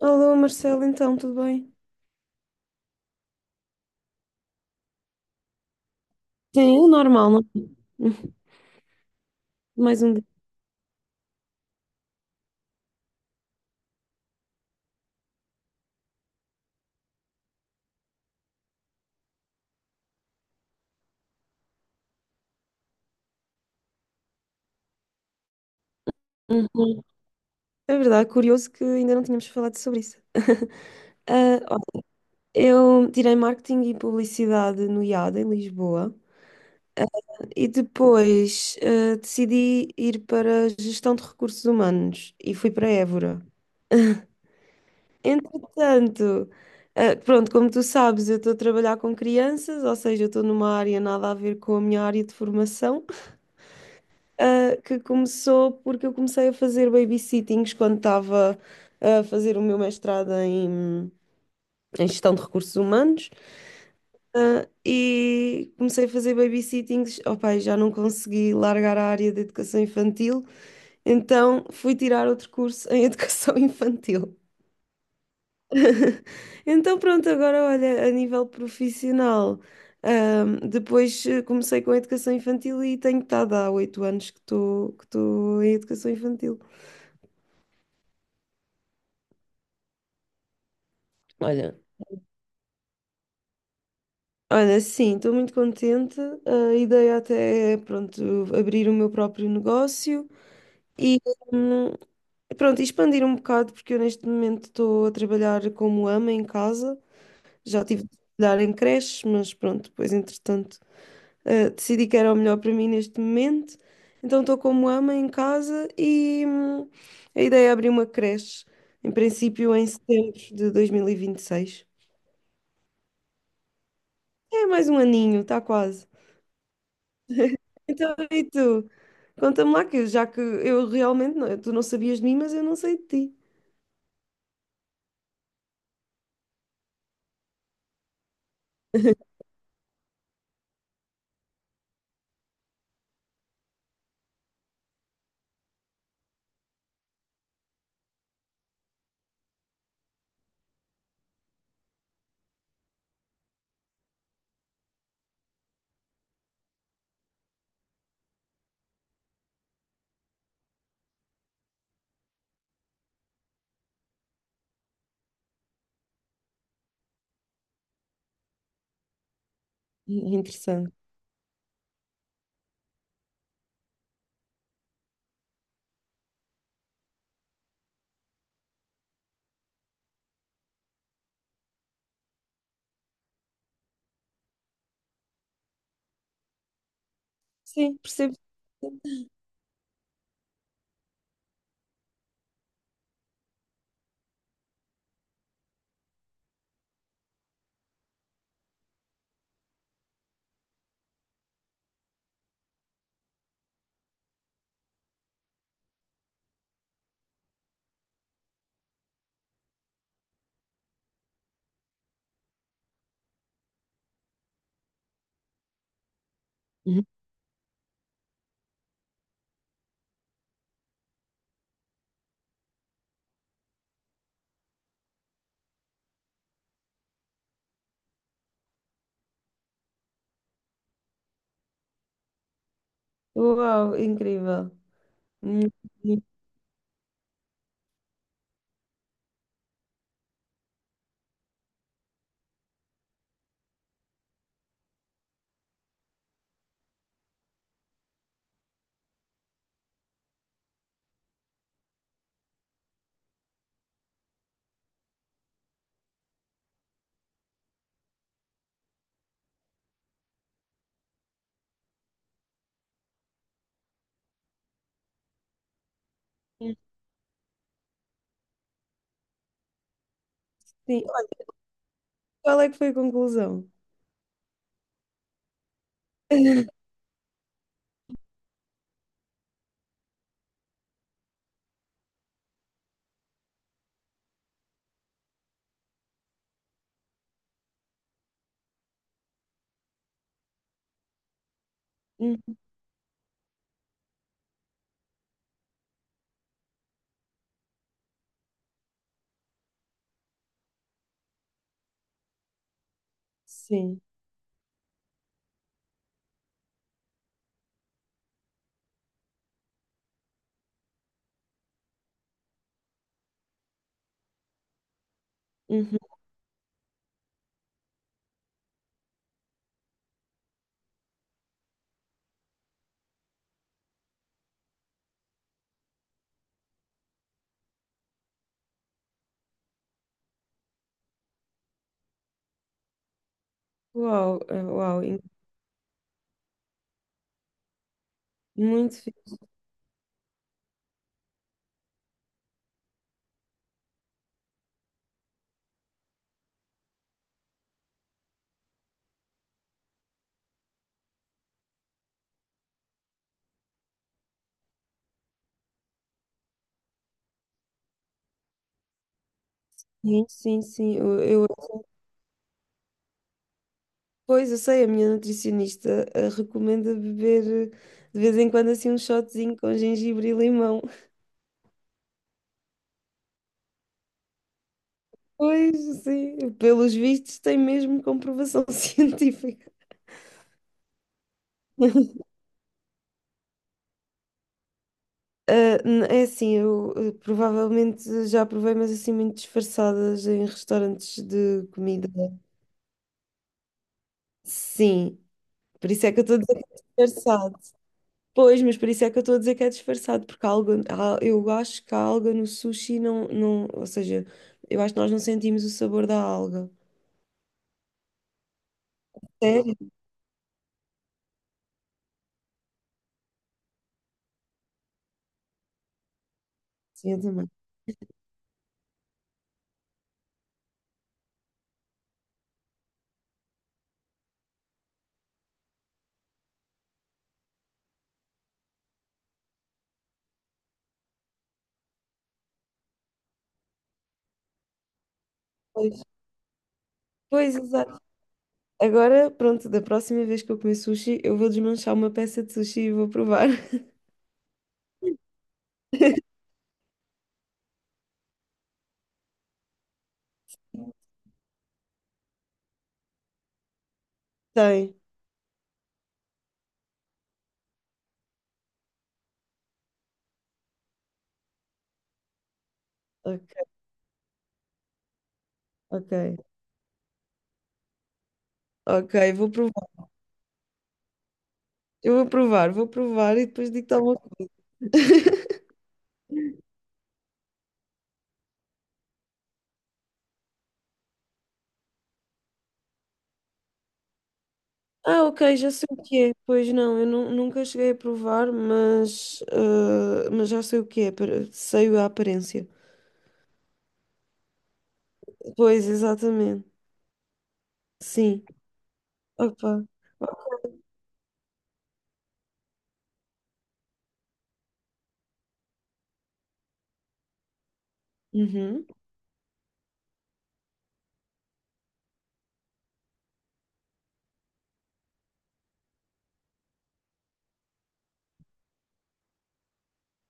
Alô, Marcelo, então, tudo bem? Sim, o normal, não? É? Hum. Mais um dia. Uhum. É verdade, curioso que ainda não tínhamos falado sobre isso. Ah, olha, eu tirei marketing e publicidade no IAD, em Lisboa, e depois decidi ir para gestão de recursos humanos e fui para Évora. Entretanto, pronto, como tu sabes, eu estou a trabalhar com crianças, ou seja, eu estou numa área nada a ver com a minha área de formação. Que começou porque eu comecei a fazer babysittings quando estava a fazer o meu mestrado em gestão de recursos humanos. E comecei a fazer babysittings, opa, e já não consegui largar a área de educação infantil, então fui tirar outro curso em educação infantil. Então pronto, agora olha, a nível profissional, comecei com a educação infantil e tenho estado há 8 anos que estou em educação infantil. Olha, olha, sim, estou muito contente. A ideia até é, pronto, abrir o meu próprio negócio e, hum, pronto, expandir um bocado, porque eu neste momento estou a trabalhar como ama em casa. Já tive de trabalhar em creches, mas pronto, depois, entretanto, decidi que era o melhor para mim neste momento. Então estou como ama em casa e, a ideia é abrir uma creche, em princípio, em setembro de 2026. É mais um aninho, está quase. Então, e tu? Conta-me lá que, já que eu realmente não, tu não sabias de mim, mas eu não sei de ti. Interessante. Sim, percebo. Uhum. Uau, incrível. Hum, hum, hum. Sim. Olha, qual é que foi a conclusão? Hum. Sim. Uhum. Uau, uau, muito fixe. Sim, sim, sim. Pois, eu sei, a minha nutricionista recomenda beber de vez em quando assim um shotzinho com gengibre e limão. Pois, sim, pelos vistos tem mesmo comprovação científica. É assim, eu provavelmente já provei, mas assim muito disfarçadas em restaurantes de comida. Sim, por isso é que eu estou a dizer que é disfarçado. Pois, mas por isso é que eu estou a dizer que é disfarçado, porque há algo, eu acho que a alga no sushi não, não, ou seja, eu acho que nós não sentimos o sabor da alga. Sério? Sim, eu também. Pois, pois, exato. Agora, pronto, da próxima vez que eu comer sushi, eu vou desmanchar uma peça de sushi e vou provar. Tem. Ok, ok. Ok, vou provar. Eu vou provar e depois digo-te alguma coisa. Ah, ok, já sei o que é. Pois não, nunca cheguei a provar, mas, ah, mas já sei o que é. Sei a aparência. Pois, exatamente. Sim. Opa. Uhum.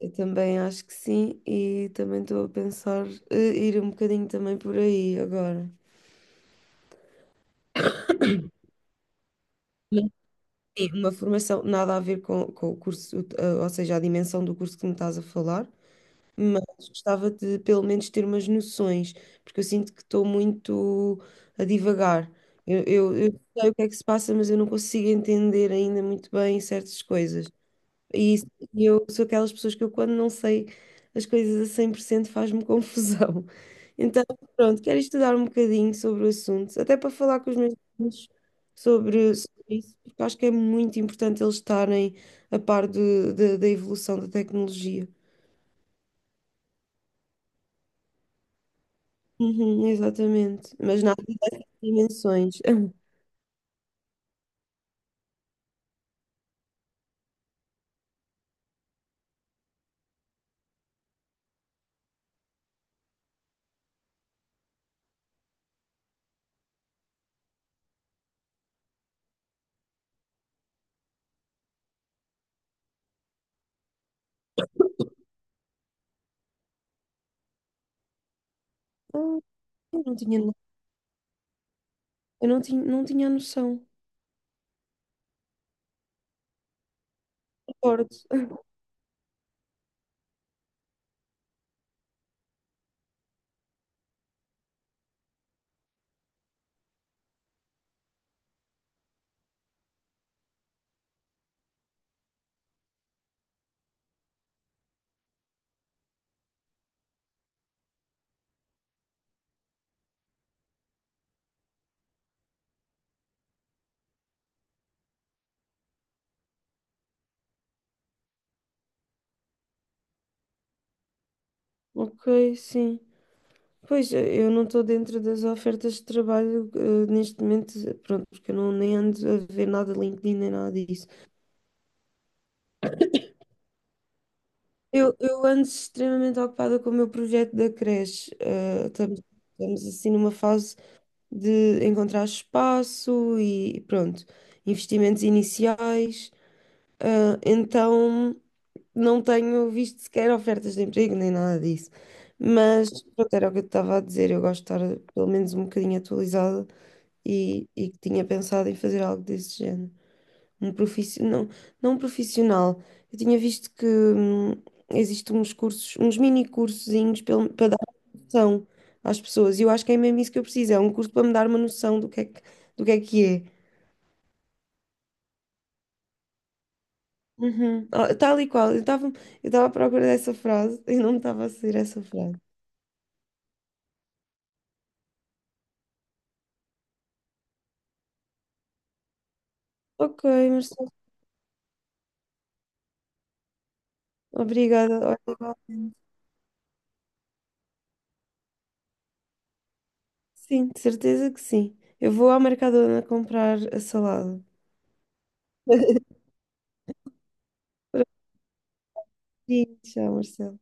Eu também acho que sim e também estou a pensar ir um bocadinho também por aí agora. Sim, uma formação nada a ver com o curso, ou seja, a dimensão do curso que me estás a falar, mas gostava de pelo menos ter umas noções, porque eu sinto que estou muito a divagar. Eu sei o que é que se passa, mas eu não consigo entender ainda muito bem certas coisas. E isso- e eu sou aquelas pessoas que eu, quando não sei as coisas a 100% faz-me confusão. Então, pronto, quero estudar um bocadinho sobre o assunto, até para falar com os meus filhos sobre, sobre isso, porque acho que é muito importante eles estarem a par da evolução da tecnologia. Uhum, exatamente. Mas nada dessas dimensões. Ah, eu não tinha, não tinha noção. Concordo. Ok, sim. Pois, eu não estou dentro das ofertas de trabalho, neste momento, pronto, porque eu não, nem ando a ver nada de LinkedIn nem nada disso. Eu ando extremamente ocupada com o meu projeto da creche. Estamos assim numa fase de encontrar espaço e pronto, investimentos iniciais. Ah, então não tenho visto sequer ofertas de emprego nem nada disso. Mas pronto, era o que eu te estava a dizer. Eu gosto de estar pelo menos um bocadinho atualizada e que tinha pensado em fazer algo desse género. Um profissi Não, não um profissional. Eu tinha visto que existem uns cursos, uns mini cursozinhos para dar uma noção às pessoas. E eu acho que é mesmo isso que eu preciso. É um curso para me dar uma noção do que é que, do que é que é. Uhum. Oh, tal e qual. Eu estava à procura dessa frase e não me estava a sair essa frase. Ok, Marcelo. Obrigada. Olha, igualmente. Sim, de certeza que sim. Eu vou à Mercadona comprar a salada. Sim, tchau, Marcelo.